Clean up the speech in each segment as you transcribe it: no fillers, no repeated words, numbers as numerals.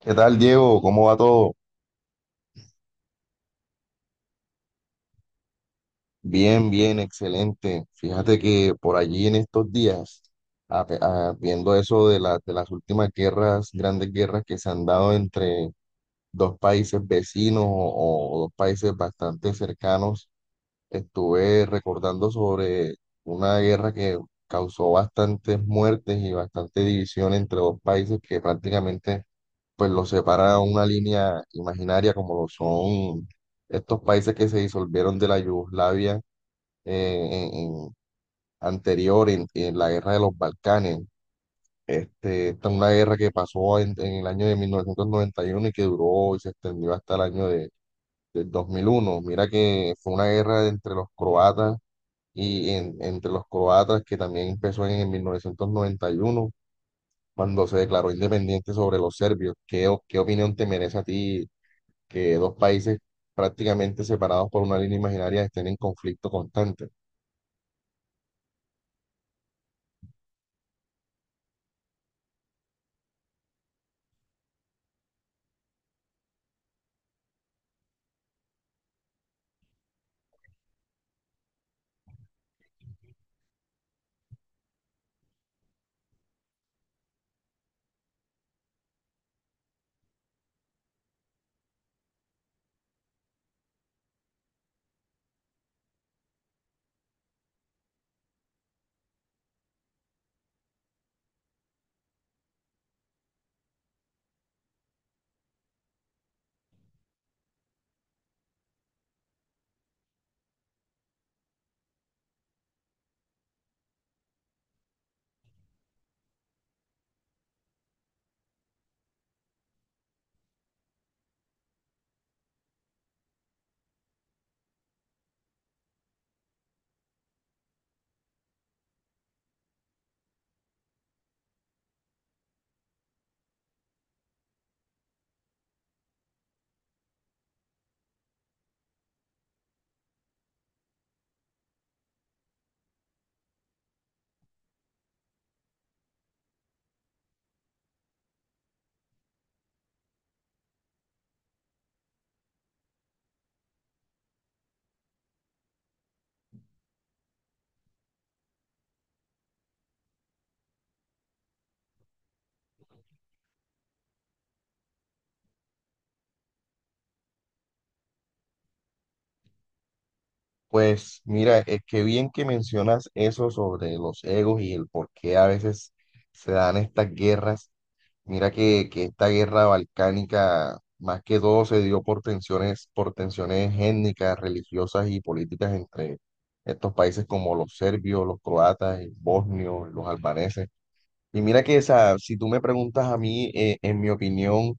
¿Qué tal, Diego? ¿Cómo va todo? Bien, bien, excelente. Fíjate que por allí en estos días, a- viendo eso de, de las últimas guerras, grandes guerras que se han dado entre dos países vecinos o dos países bastante cercanos, estuve recordando sobre una guerra que causó bastantes muertes y bastante división entre dos países que prácticamente pues los separa una línea imaginaria como lo son estos países que se disolvieron de la Yugoslavia eh, en- en- anterior en la guerra de los Balcanes. Esta es una guerra que pasó en el año de 1991 y que duró y se extendió hasta el año de, del 2001. Mira que fue una guerra entre los croatas entre los croatas que también empezó en 1991 cuando se declaró independiente sobre los serbios. ¿Qué opinión te merece a ti que dos países prácticamente separados por una línea imaginaria estén en conflicto constante? Pues mira, es que bien que mencionas eso sobre los egos y el por qué a veces se dan estas guerras. Mira que esta guerra balcánica más que todo se dio por tensiones étnicas, religiosas y políticas entre estos países como los serbios, los croatas, los bosnios, los albaneses. Y mira que esa, si tú me preguntas a mí, en mi opinión,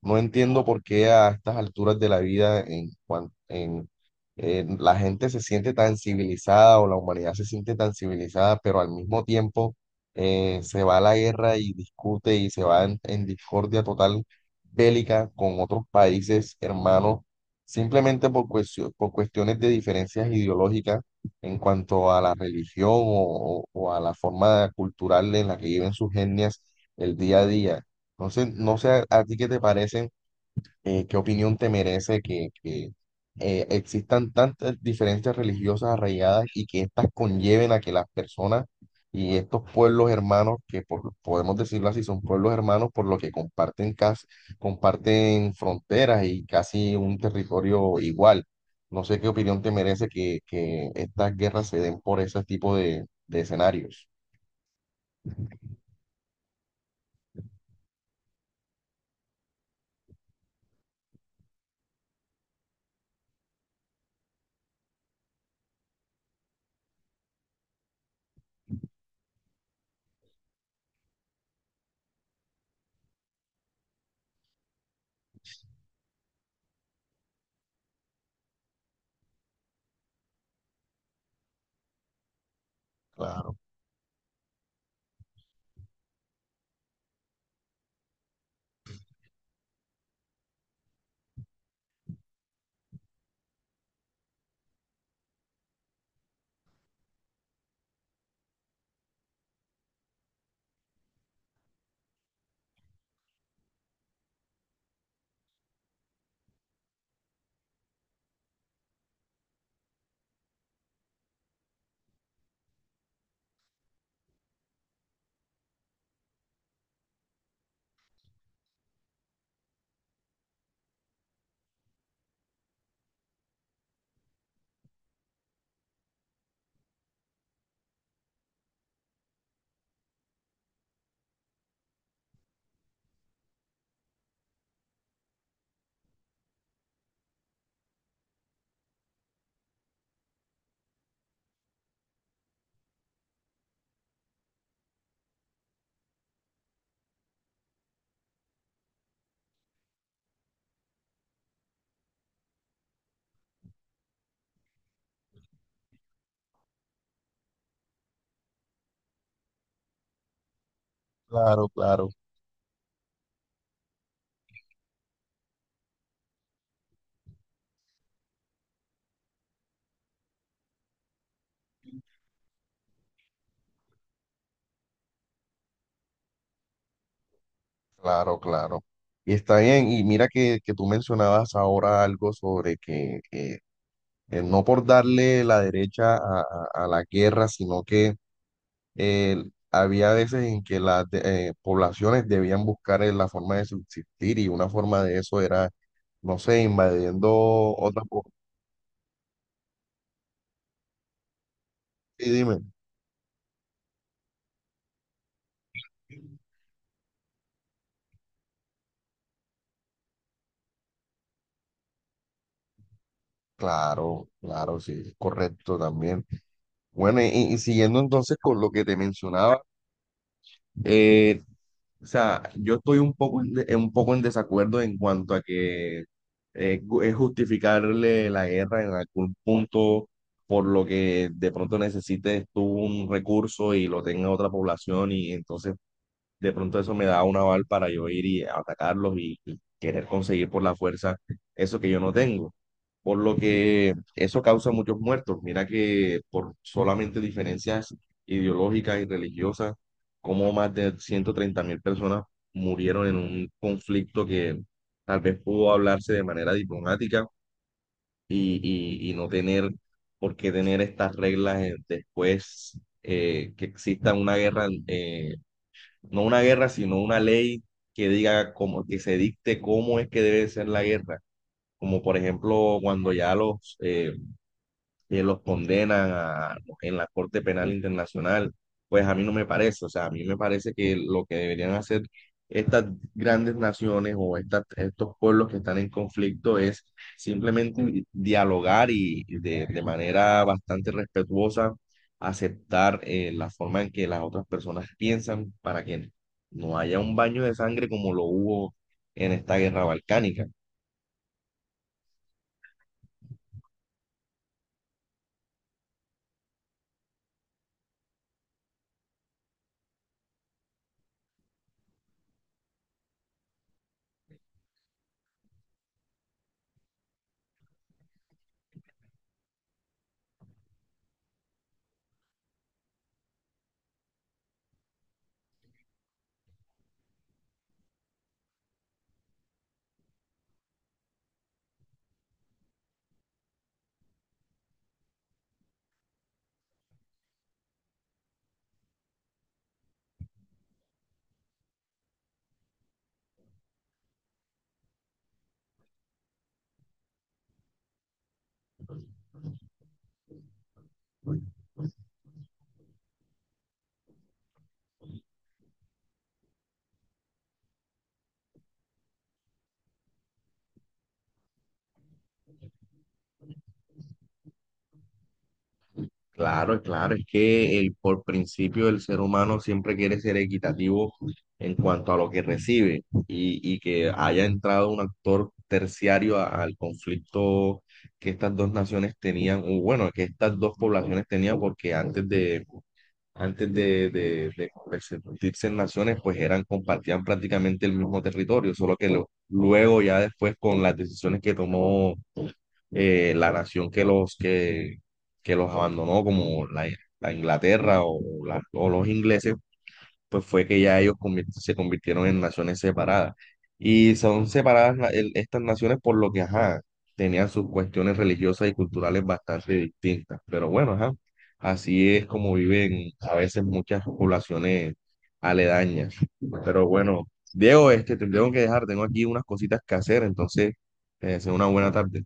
no entiendo por qué a estas alturas de la vida la gente se siente tan civilizada o la humanidad se siente tan civilizada, pero al mismo tiempo se va a la guerra y discute y se va en discordia total bélica con otros países hermanos, simplemente por cuestiones de diferencias ideológicas en cuanto a la religión o a la forma cultural en la que viven sus etnias el día a día. Entonces, no sé a ti qué te parece, qué opinión te merece que existan tantas diferencias religiosas arraigadas y que éstas conlleven a que las personas y estos pueblos hermanos, podemos decirlo así, son pueblos hermanos por lo que comparten, casi, comparten fronteras y casi un territorio igual. No sé qué opinión te merece que estas guerras se den por ese tipo de escenarios. Claro, claro, claro. Claro, claro. Y está bien. Y mira que tú mencionabas ahora algo sobre que no por darle la derecha a, a la guerra, sino que eh, había veces en que las poblaciones debían buscar la forma de subsistir y una forma de eso era, no sé, invadiendo otras. Po- Sí, dime. Claro, claro, sí, correcto también. Bueno, y siguiendo entonces con lo que te mencionaba, o sea, yo estoy un poco un poco en desacuerdo en cuanto a que es justificarle la guerra en algún punto por lo que de pronto necesites tú un recurso y lo tenga otra población y entonces de pronto eso me da un aval para yo ir y atacarlos y querer conseguir por la fuerza eso que yo no tengo. Por lo que eso causa muchos muertos. Mira que por solamente diferencias ideológicas y religiosas, como más de 130.000 personas murieron en un conflicto que tal vez pudo hablarse de manera diplomática y no tener por qué tener estas reglas después que exista una guerra, no una guerra, sino una ley que diga cómo, que se dicte cómo es que debe ser la guerra. Como por ejemplo, cuando ya que los condenan en la Corte Penal Internacional, pues a mí no me parece, o sea, a mí me parece que lo que deberían hacer estas grandes naciones o estas estos pueblos que están en conflicto es simplemente dialogar y de manera bastante respetuosa aceptar la forma en que las otras personas piensan para que no haya un baño de sangre como lo hubo en esta guerra balcánica. Claro, claro, es que por principio el ser humano siempre quiere ser equitativo en cuanto a lo que recibe y que haya entrado un actor terciario al conflicto que estas dos naciones tenían, o bueno, que estas dos poblaciones tenían, porque antes de convertirse en naciones, pues eran, compartían prácticamente el mismo territorio, solo que luego ya después con las decisiones que tomó la nación que los abandonó, como la Inglaterra o los ingleses, pues fue que ya ellos se convirtieron en naciones separadas. Y son separadas estas naciones por lo que, ajá, tenían sus cuestiones religiosas y culturales bastante distintas. Pero bueno, ajá, así es como viven a veces muchas poblaciones aledañas. Pero bueno, Diego, este, te tengo que dejar, tengo aquí unas cositas que hacer, entonces, te deseo una buena tarde.